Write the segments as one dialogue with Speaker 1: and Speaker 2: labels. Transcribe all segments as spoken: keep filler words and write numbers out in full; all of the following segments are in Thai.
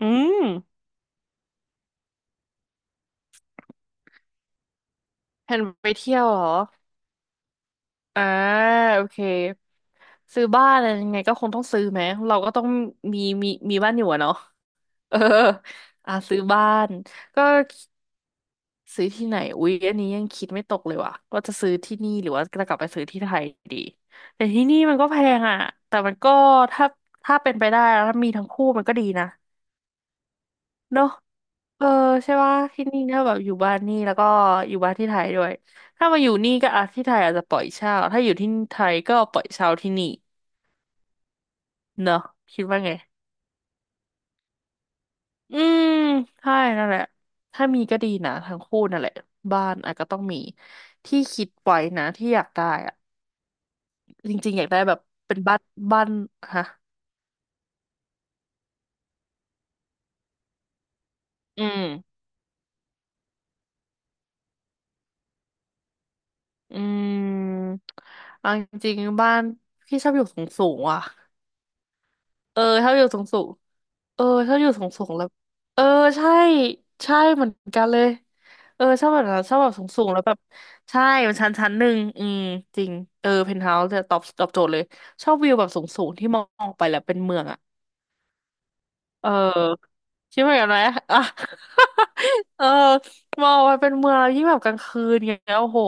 Speaker 1: อืมแผนไปเที่ยวเหรออ่าโอเคซื้อบ้านอะไรยังไงก็คงต้องซื้อไหมเราก็ต้องมีมีมีบ้านอยู่อะเนาะเอออ่าซื้อบ้านก็ซื้อที่ไหนอุ๊ยอันนี้ยังคิดไม่ตกเลยว่ะว่าจะซื้อที่นี่หรือว่าจะกลับไปซื้อที่ไทยดีแต่ที่นี่มันก็แพงอ่ะแต่มันก็ถ้าถ้าเป็นไปได้แล้วถ้ามีทั้งคู่มันก็ดีนะ เนอะเออใช่ว่าที่นี่ถ้าแบบอยู่บ้านนี่แล้วก็อยู่บ้านที่ไทยด้วยถ้ามาอยู่นี่ก็อาจที่ไทยอาจจะปล่อยเช่าถ้าอยู่ที่ไทยก็ปล่อยเช่าที่นี่เนอะคิดว่าไงอืมใช่นั่นแหละถ้ามีก็ดีนะทั้งคู่นั่นแหละบ้านอาจก็ต้องมีที่คิดไว้นะที่อยากได้อะจริงๆอยากได้แบบเป็นบ้านบ้านฮะอืมอืมเอาจริงๆบ้านพี่ชอบอยู่สูงๆอ่ะเออชอบอยู่สูงสูง เออชอบอยู่สูงสูงแล้วเออใช่ใช่เหมือนกันเลยเออชอบแบบนั้นชอบแบบสูงสูงแล้วแบบใช่มันชั้นชั้นหนึ่งอืมจริงเออเพนท์เฮาส์จะตอบตอบโจทย์เลยชอบวิวแบบสูงสูงที่มองออกไปแล้วเป็นเมืองอ่ะเออคิดเหมือนกันไหมอ่ะ เออมองไปเป็นเมืองแล้วยิ่งแบบกลางคืนเงี้ยโอ้โห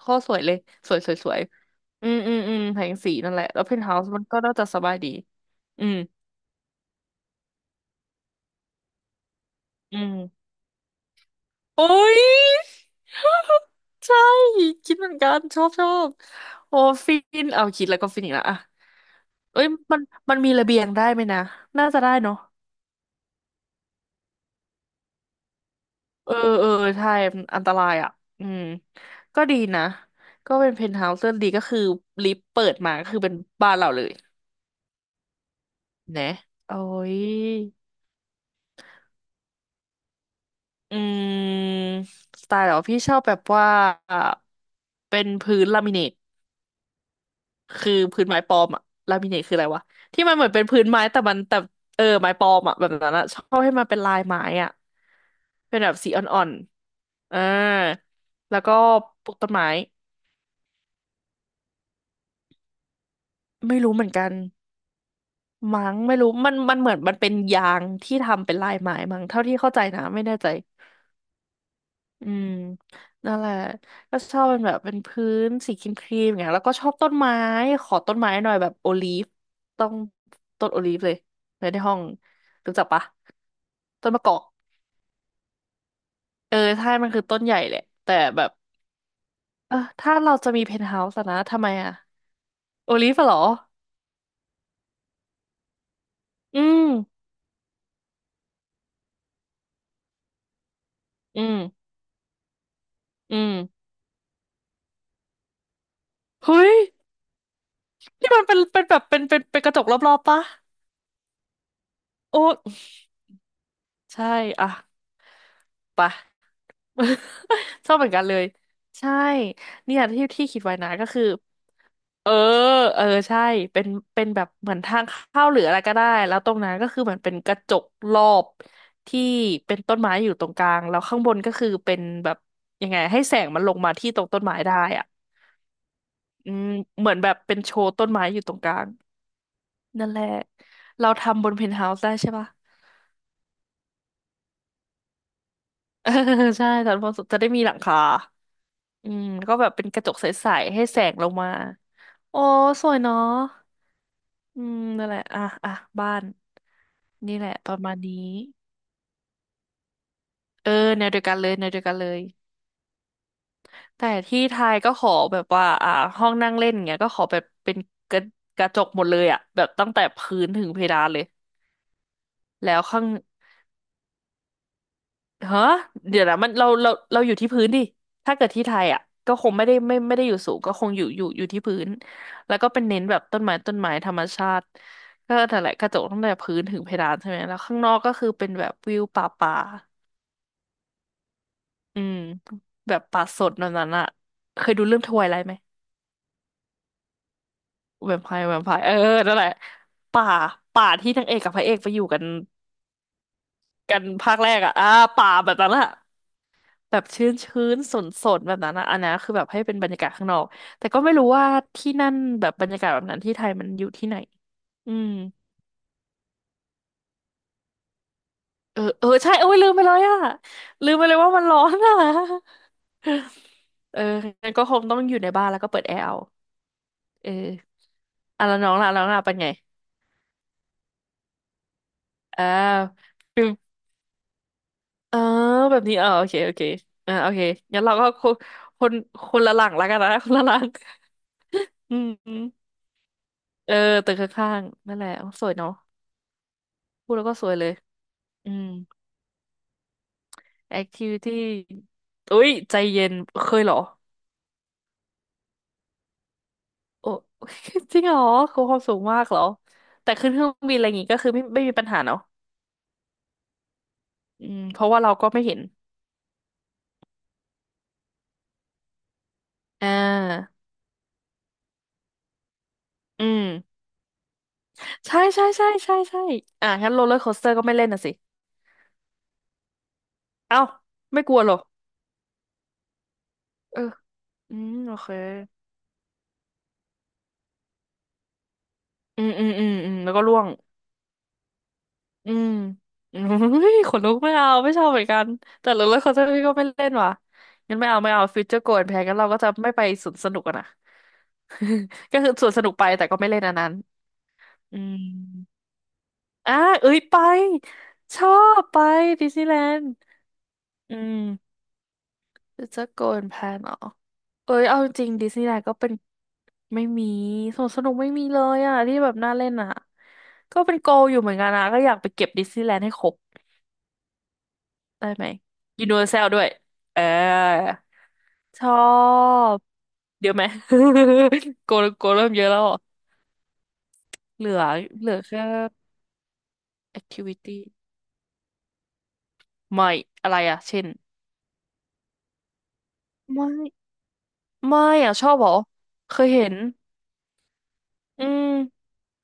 Speaker 1: โคตรสวยเลยสวยสวยสวยอืมอืมอืมแสงสีนั่นแหละแล้วเพนท์เฮาส์มันก็น่าจะสบายดีอืมอืม โอ้ย ใช่ คิดเหมือนกันชอบชอบโอ้ฟินเอาคิดแล้วก็ฟินอีกแล้วอะเอ้ยมันมันมีระเบียงได้ไหมนะ น่าจะได้เนาะเออเออใช่มันอันตรายอ่ะอืมก็ดีนะ ก็เป็นเพนท์เฮาส์เรื่อดีก็คือลิฟต์เปิดมาก็คือเป็นบ้านเราเลยนะโอ้ย อืมสไตล์เหรอพี่ชอบแบบว่า เป็นพื้นลามิเนต คือพื้นไม้ปลอมอะลามิเนตคืออะไรวะที่มันเหมือนเป็นพื้นไม้แต่มันแต่เออไม้ปลอมอะแบบนั้นอะชอบให้มันเป็นลายไม้อะเป็นแบบสีอ่อนๆอ่าแล้วก็ปลูกต้นไม้ไม่รู้เหมือนกันมั้งไม่รู้มันมันเหมือนมันเป็นยางที่ทำเป็นลายไม้มั้งเท่าที่เข้าใจนะไม่แน่ใจ อืมนั่นแหละก็ชอบเป็นแบบเป็นพื้นสีครีมครีมอย่างเงี้ยแล้วก็ชอบต้นไม้ขอต้นไม้หน่อยแบบโอลีฟต้องต้นโอลีฟเลยเลยในห้องรู้จักปะต้นมะกอกเออใช่มันคือต้นใหญ่แหละแต่แบบเออถ้าเราจะมีเพนท์เฮาส์นะทำไมอะโอลีฟอะเหรออืมอืมอืมเฮ้ยนี่มันเป็นเป็นแบบเป็นเป็นเป็นกระจกรอบๆปะโอ้ใช่อ่ะไป ชอบเหมือนกันเลยใช่เนี่ยที่ที่คิดไว้นะก็คือเออเออใช่เป็นเป็นแบบเหมือนทางเข้าหรืออะไรก็ได้แล้วตรงนั้นก็คือเหมือนเป็นกระจกรอบที่เป็นต้นไม้อยู่ตรงกลางแล้วข้างบนก็คือเป็นแบบยังไงให้แสงมันลงมาที่ตรงต้นไม้ได้อ่ะอืมเหมือนแบบเป็นโชว์ต้นไม้อยู่ตรงกลางนั่นแหละเราทำบนเพนท์เฮาส์ได้ใช่ปะ เออใช่ตอนพอสุดจะได้มีหลังคาอืมก็แบบเป็นกระจกใสๆให้แสงลงมาโอ้สวยเนาะอืมนั่นแหละ อ่ะอ่ะบ้านนี่แหละประมาณนี้ เออแนวเดียวกันเลยแนวเดียวกันเลยแต่ที่ไทยก็ขอแบบว่าอ่าห้องนั่งเล่นเงี้ยก็ขอแบบเป็นกระกระจกหมดเลยอ่ะแบบตั้งแต่พื้นถึงเพดานเลยแล้วข้าง ฮะเดี๋ยวนะมันเราเราเราอยู่ที่พื้นดิถ้าเกิดที่ไทยอ่ะก็คงไม่ได้ไม่ไม่ได้อยู่สูงก็คงอยู่อยู่อยู่ที่พื้นแล้วก็เป็นเน้นแบบต้นไม้ต้นไม้ธรรมชาติก็แต่นแหละกระจกตั้งแต่พื้นถึงเพดานใช่ไหมแล้วข้างนอกก็คือเป็นแบบวิวป่าป่าอืมแบบป่าสดแบบนั้นอ่ะเคยดูเรื่องทไวไลท์ไหมแวมไพร์แวมไพร์เออนั่นแหละป่าป่าที่นางเอกกับพระเอกไปอยู่กันกันภาคแรกอ่ะอ่าป่าแบบนั้นอ่ะ แบบชื้นชื้นสนสนแบบนั้นอะอันนั้นคือแบบให้เป็นบรรยากาศข้างนอกแต่ก็ไม่รู้ว่าที่นั่นแบบบรรยากาศแบบนั้นที่ไทยมันอยู่ที่ไหนอืมเออเออใช่เอ้ยลืมไปเลยอะลืมไปเลยว่ามันร้อนอะ เอองั้นก็คงต้องอยู่ในบ้านแล้วก็เปิดแอร์เอาเอออ่ะแล้วน้องล่ะแล้วน้องล่ะเป็นไงอ่าฟิลเออแบบนี้เออโอเคโอเคอ่าโอเคงั้นเราก็คนคนคนละหลังแล้วกันนะ คนละหลังอืมเออตึกข้างๆนั่นแหละโอ้สวยเนาะ พูดแล้วก็สวยเลย อืม activity อุ้ย ใจเย็น เคยเหรอโอ้ จริงเหรอคือความสูงมากเหรอ แต่ขึ้นเครื่องบินอะไรอย่างงี้ก็คือไม่ไม่มีปัญหาเนาะอืม เพราะว่าเราก็ไม่เห็น อ่า อืม ใช่ใช่ใช่ใช่ใช่อ่ะงั้นโรลเลอร์โคสเตอร์ก็ไม่เล่นน่ะสิ เอ้า ไม่กลัวเหรอเอออืมโอเค อืมอืมอืมอืมแล้วก็ร่วง อืม อืมเฮ้ยขนลุกไม่เอาไม่ชอบเหมือนกันแต่รู้แล้วเขาจะพี่ก็ไม่เล่นว่ะงั้นไม่เอาไม่เอาฟิวเจอร์โกนแพงงั้นเราก็จะไม่ไปสวนสนุกอะนะ ก็คือสวนสนุกไปแต่ก็ไม่เล่นอันนั้นอืมอ่ะเอ้ยไปชอบไปดิสนีย์แลนด์อืมฟิวเจอร์โกนแพงเหรอเอ้ยเอาจริงดิสนีย์แลนด์ก็เป็นไม่มีสวนสนุกไม่มีเลยอะที่แบบน่าเล่นอะก็เป็นโกลอยู่เหมือนกันนะก็อยากไปเก็บดิสนีย์แลนด์ให้ครบ ได้ไหมยูนิเวอร์แซลด้วยเออชอบเดี๋ยวไหม โกโกเริ่มเยอะแล้วอ่ะเหลือเหลือแค่ activity ไม่อะไรอ่ะเช่นไม่ไม่อ่ะชอบเหรอเคยเห็นอืม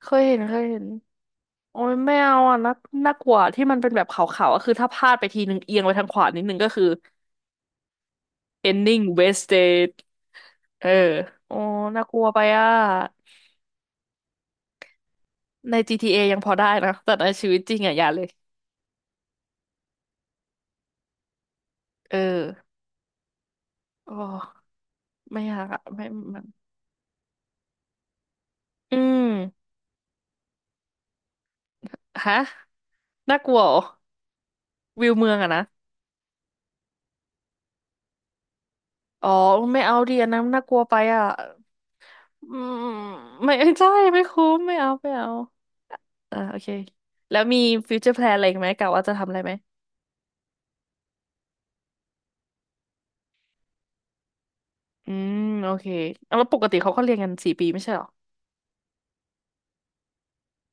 Speaker 1: เคยเห็นเคยเห็นโอ้ยไม่เอาอ่ะน่าน่ากลัวที่มันเป็นแบบขาวๆก็คือถ้าพลาดไปทีนึงเอียงไปทางขวานิดนึงก็คือ ending wasted เออโอ้น่ากลัวไปอ่ะใน จี ที เอ ยังพอได้นะแต่ในชีวิตจริงอ่ะอย่าเลย เออโอ้ไม่อยากอะไม่มันอืมฮะน่ากลัวเหรอวิวเมืองอะนะอ๋อไม่เอาดีอันนั้นน่ากลัวไปอะอืมไม่ ใช่ไม่คุ้มไม่เอาไม่เอาอ่าโอเคแล้วมีฟิวเจอร์แพลนอะไรอีกไหมกะว่าจะทำอะไรไหมอืมโอเคเอาแล้วปกติเขาก็เรียนกันสี่ปีไม่ใช่เหรอ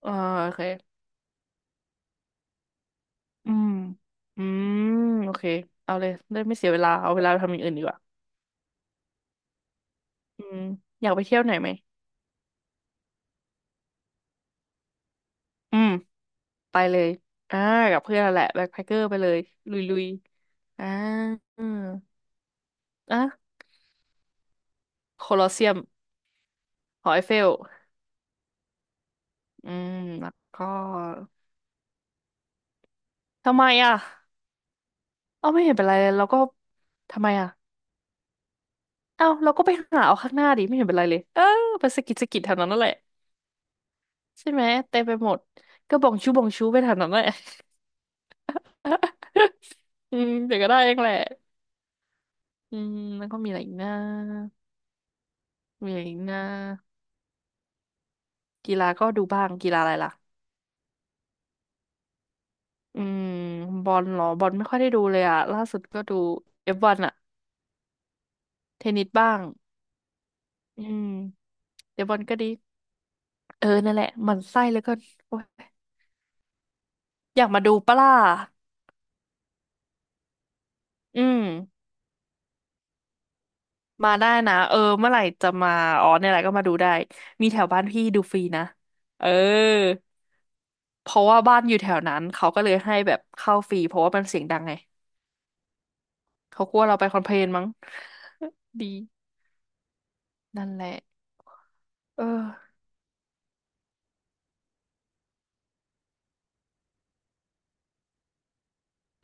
Speaker 1: อ่าโอเคอืมอืมโอเคเอาเลยได้ไม่เสียเวลาเอาเวลาไปทำอย่างอื่นดีกว่าอืมอยากไปเที่ยวไหนไหมอืม ไปเลยอ่ากับเพื่อนนั่นแหละแบ็คแพคเกอร์ไปเลยลุยลุยอ่าอืมอ่ะโคลอสเซียมหอไอเฟลอืมแล้วก็ทำไมอ่ะเอ้าไม่เห็นเป็นไรเลยเราก็ทำไมอ่ะเอ้าเราก็ไปหาเอาข้างหน้าดิไม่เห็นเป็นไรเลยเออไปสะกิดสะกิดแถวนั้นนั่นแหละใช่ไหมเต็มไปหมดก็บองชูบองชูไปแถวนั้นแหละ อืมเดี๋ยวก็ได้เองแหละอืมแล้วก็มีอะไรอีกนะมีอะไรอีกนะกีฬาก็ดูบ้างกีฬาอะไรล่ะ อืมบอลเหรอบอลไม่ค่อยได้ดูเลยอะล่าสุดก็ดูเอฟวันอะเทนนิสบ้างอืมเดี๋ยวบอลก็ดีเออนั่นแหละหมันไส้แล้วก็โอ๊ยอยากมาดูปะล่ะอืมมาได้นะเออเมื่อไหร่จะมาอ๋อเนี่ยแหละก็มาดูได้มีแถวบ้านพี่ดูฟรีนะเออเพราะว่าบ้านอยู่แถวนั้นเขาก็เลยให้แบบเข้าฟรีเพราะว่ามันเสียงดังไงเขากลัวเราไปคอมเพลนมั้ง ดีนั่นแหละเออ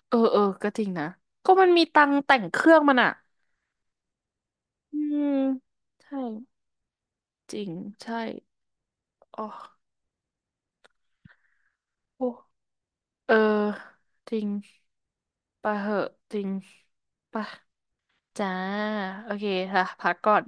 Speaker 1: เออเออ ก็จริงนะ ก็มันมีตังค์แต่งเครื่องมันอ่ะ อืมใช่ จริง ใช่ อ๋อโอ้เออ จริงไปเหอะจริงไปจ้า โอเคค่ะพักก่อน